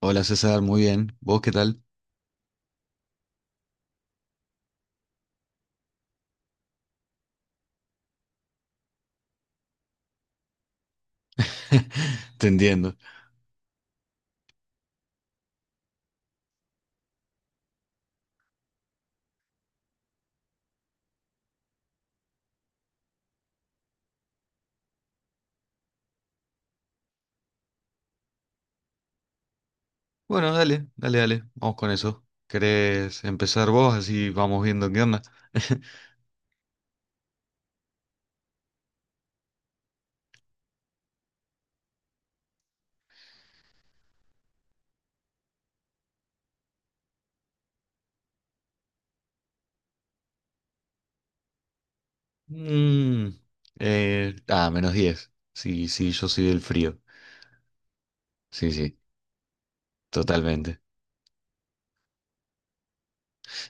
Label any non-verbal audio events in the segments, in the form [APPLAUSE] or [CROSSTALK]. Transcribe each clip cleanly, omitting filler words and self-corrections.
Hola César, muy bien. ¿Vos qué tal? [LAUGHS] Te entiendo. Bueno, dale, dale, dale. Vamos con eso. ¿Querés empezar vos? Así vamos viendo qué onda. [LAUGHS] Mm, menos 10. Sí, sí, yo soy del frío. Sí, sí, totalmente.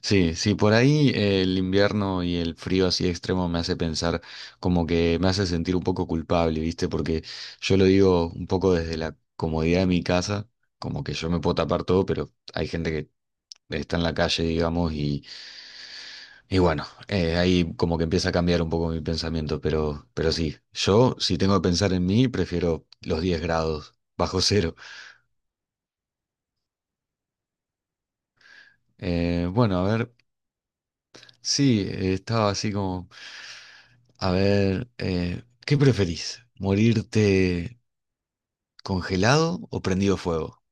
Sí, sí, por ahí el invierno y el frío así extremo me hace pensar como que me hace sentir un poco culpable, ¿viste? Porque yo lo digo un poco desde la comodidad de mi casa, como que yo me puedo tapar todo, pero hay gente que está en la calle, digamos, y bueno, ahí como que empieza a cambiar un poco mi pensamiento, pero sí, yo si tengo que pensar en mí, prefiero los 10 grados bajo cero. Bueno, a ver, sí, estaba así como, a ver, ¿qué preferís? ¿Morirte congelado o prendido fuego?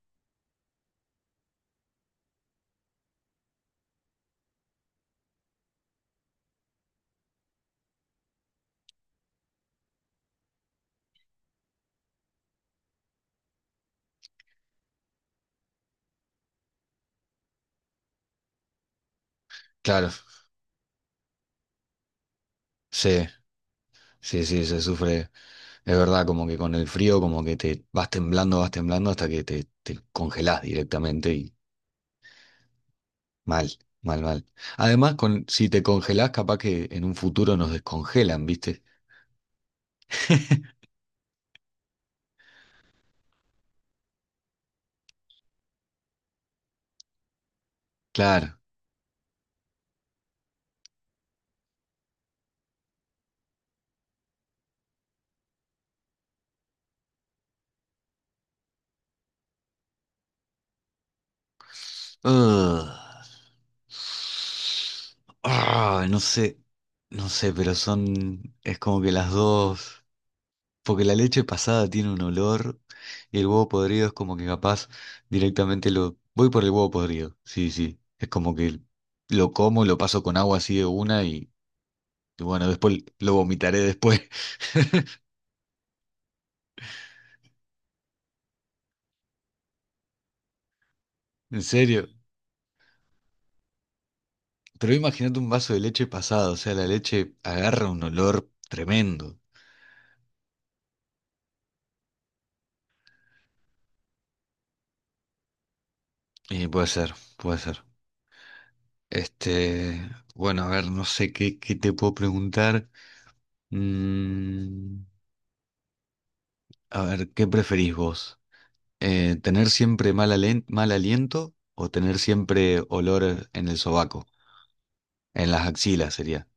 Claro, sí. Sí, sí, se sufre, es verdad, como que con el frío, como que te vas temblando hasta que te congelás directamente. Mal, mal, mal. Además, si te congelás, capaz que en un futuro nos descongelan, ¿viste? [LAUGHS] Claro. Ugh. No sé, no sé, pero son, es como que las dos, porque la leche pasada tiene un olor y el huevo podrido es como que capaz directamente voy por el huevo podrido, sí, sí, es como que lo como, lo paso con agua así de una y bueno, después lo vomitaré después. [LAUGHS] En serio. Pero imagínate un vaso de leche pasado, o sea, la leche agarra un olor tremendo. Y puede ser, puede ser. Este, bueno, a ver, no sé qué te puedo preguntar. Mm, a ver, ¿qué preferís vos? ¿Tener siempre mal aliento o tener siempre olor en el sobaco? En las axilas sería.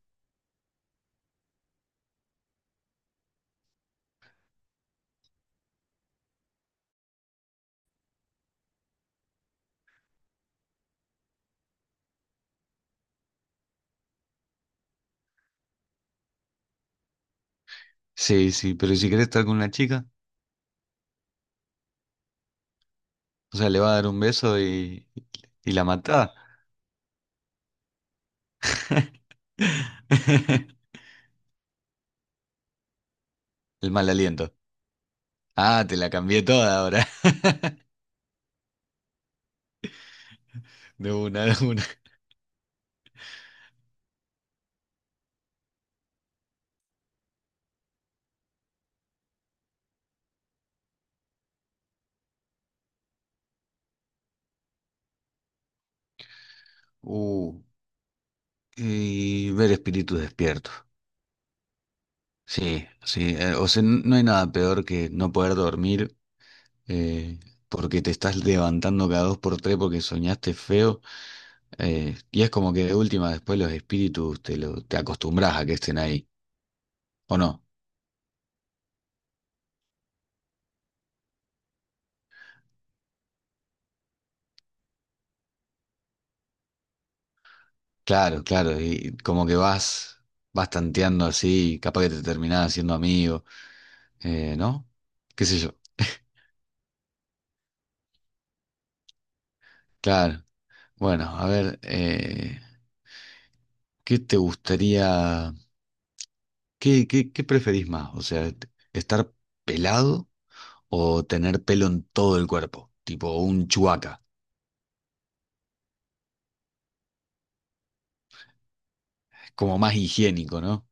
Sí, sí, pero ¿y si querés estar con una chica, o sea, le va a dar un beso y la matá? [LAUGHS] El mal aliento. Ah, te la cambié toda ahora. [LAUGHS] De una, de una. Uh, y ver espíritus despiertos. Sí, sí. O sea, no hay nada peor que no poder dormir, eh, porque te estás levantando cada dos por tres porque soñaste feo. Y es como que de última, después los espíritus te acostumbras a que estén ahí. ¿O no? Claro, claro. Y como que vas tanteando así, y capaz que te terminás haciendo amigo, ¿no? ¿Qué sé yo? Claro. Bueno, a ver. ¿Qué te gustaría, qué preferís más? O sea, ¿estar pelado o tener pelo en todo el cuerpo? Tipo un chuaca. Es como más higiénico, ¿no?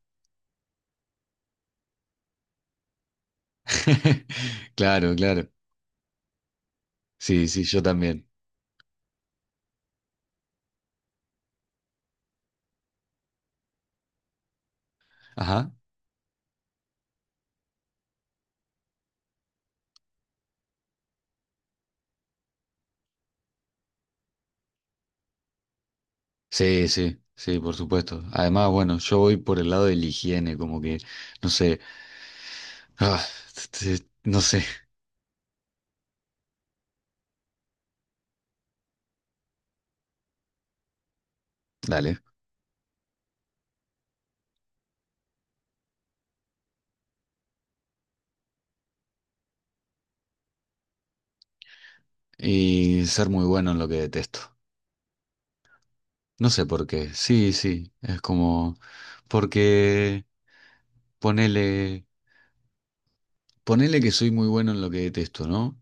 [LAUGHS] Claro, claro. Sí, sí, yo también. Ajá. Sí, sí, sí, por supuesto. Además, bueno, yo voy por el lado de la higiene, como que, no sé, ah, no sé, dale. Y ser muy bueno en lo que detesto. No sé por qué. Sí, sí, es como... Porque ponele, ponele que soy muy bueno en lo que detesto, ¿no?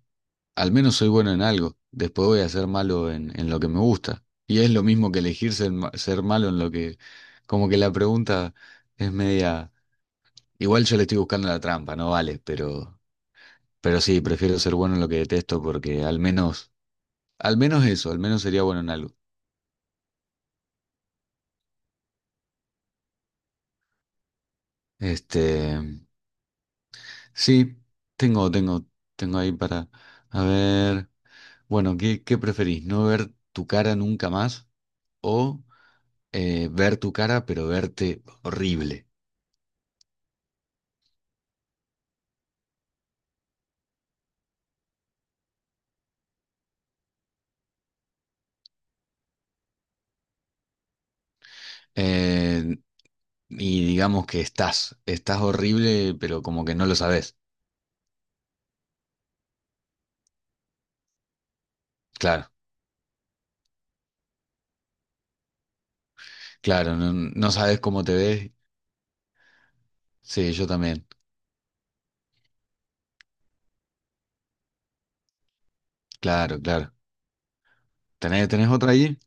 Al menos soy bueno en algo. Después voy a ser malo en lo que me gusta. Y es lo mismo que elegir ser malo en lo que... Como que la pregunta es media... Igual yo le estoy buscando la trampa, no vale, pero sí, prefiero ser bueno en lo que detesto porque al menos eso, al menos sería bueno en algo. Este, sí, tengo, tengo, tengo ahí para... A ver, bueno, ¿qué preferís? ¿No ver tu cara nunca más? O ver tu cara, pero verte horrible. Eh, y digamos que estás horrible, pero como que no lo sabes. Claro, claro, no, no sabes cómo te ves. Sí, yo también. Claro, claro. ¿Tenés otra ahí?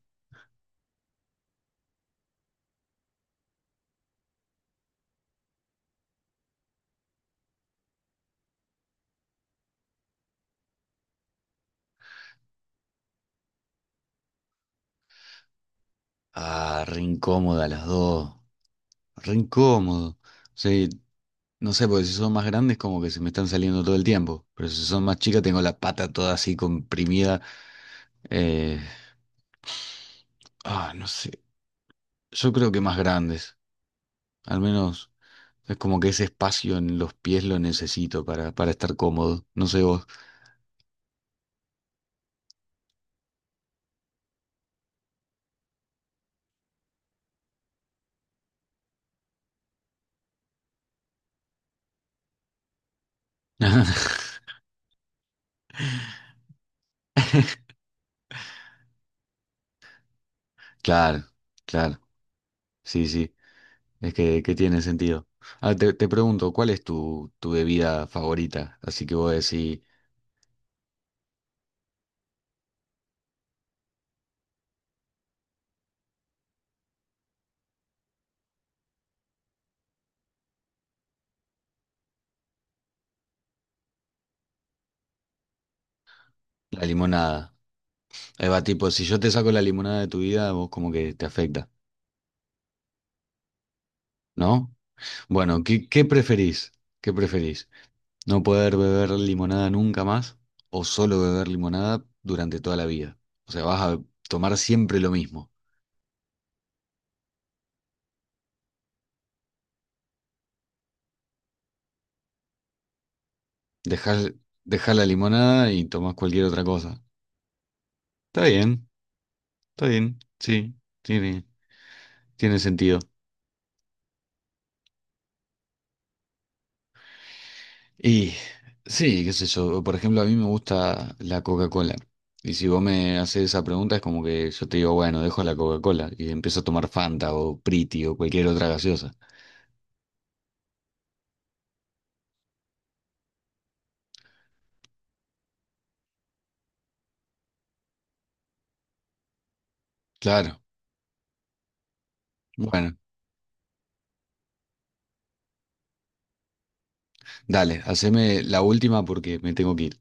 Ah, re incómoda las dos. Re incómodo. Sí, no sé, porque si son más grandes, como que se me están saliendo todo el tiempo. Pero si son más chicas, tengo la pata toda así comprimida. Eh, no sé. Yo creo que más grandes. Al menos. Es como que ese espacio en los pies lo necesito para, estar cómodo. No sé vos. [LAUGHS] Claro, claro. Sí, sí. Es que tiene sentido. Ah, te pregunto, ¿cuál es tu bebida favorita? Así que vos decís la limonada. Ahí va, tipo, si yo te saco la limonada de tu vida, vos como que te afecta, ¿no? Bueno, ¿qué preferís? ¿Qué preferís? ¿No poder beber limonada nunca más o solo beber limonada durante toda la vida? O sea, vas a tomar siempre lo mismo. Dejar, dejar la limonada y tomás cualquier otra cosa. Está bien, está bien, sí, tiene, tiene sentido. Y sí, qué sé yo, por ejemplo, a mí me gusta la Coca-Cola. Y si vos me haces esa pregunta, es como que yo te digo, bueno, dejo la Coca-Cola y empiezo a tomar Fanta o Priti o cualquier otra gaseosa. Claro, bueno, dale, haceme la última porque me tengo que ir.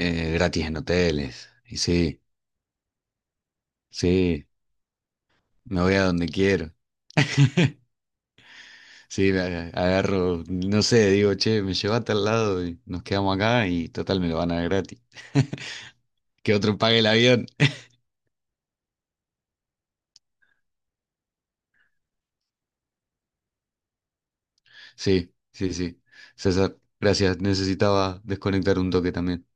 Gratis en hoteles. Y sí, sí, me voy a donde quiero. Sí, agarro, no sé, digo, che, me lleva a tal lado y nos quedamos acá y total me lo van a dar gratis. [LAUGHS] Que otro pague el avión. [LAUGHS] Sí, sí, sí. César, gracias. Necesitaba desconectar un toque también.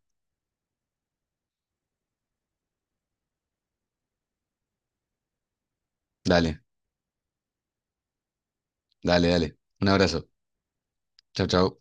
Dale, dale, dale. Un abrazo. Chau, chau.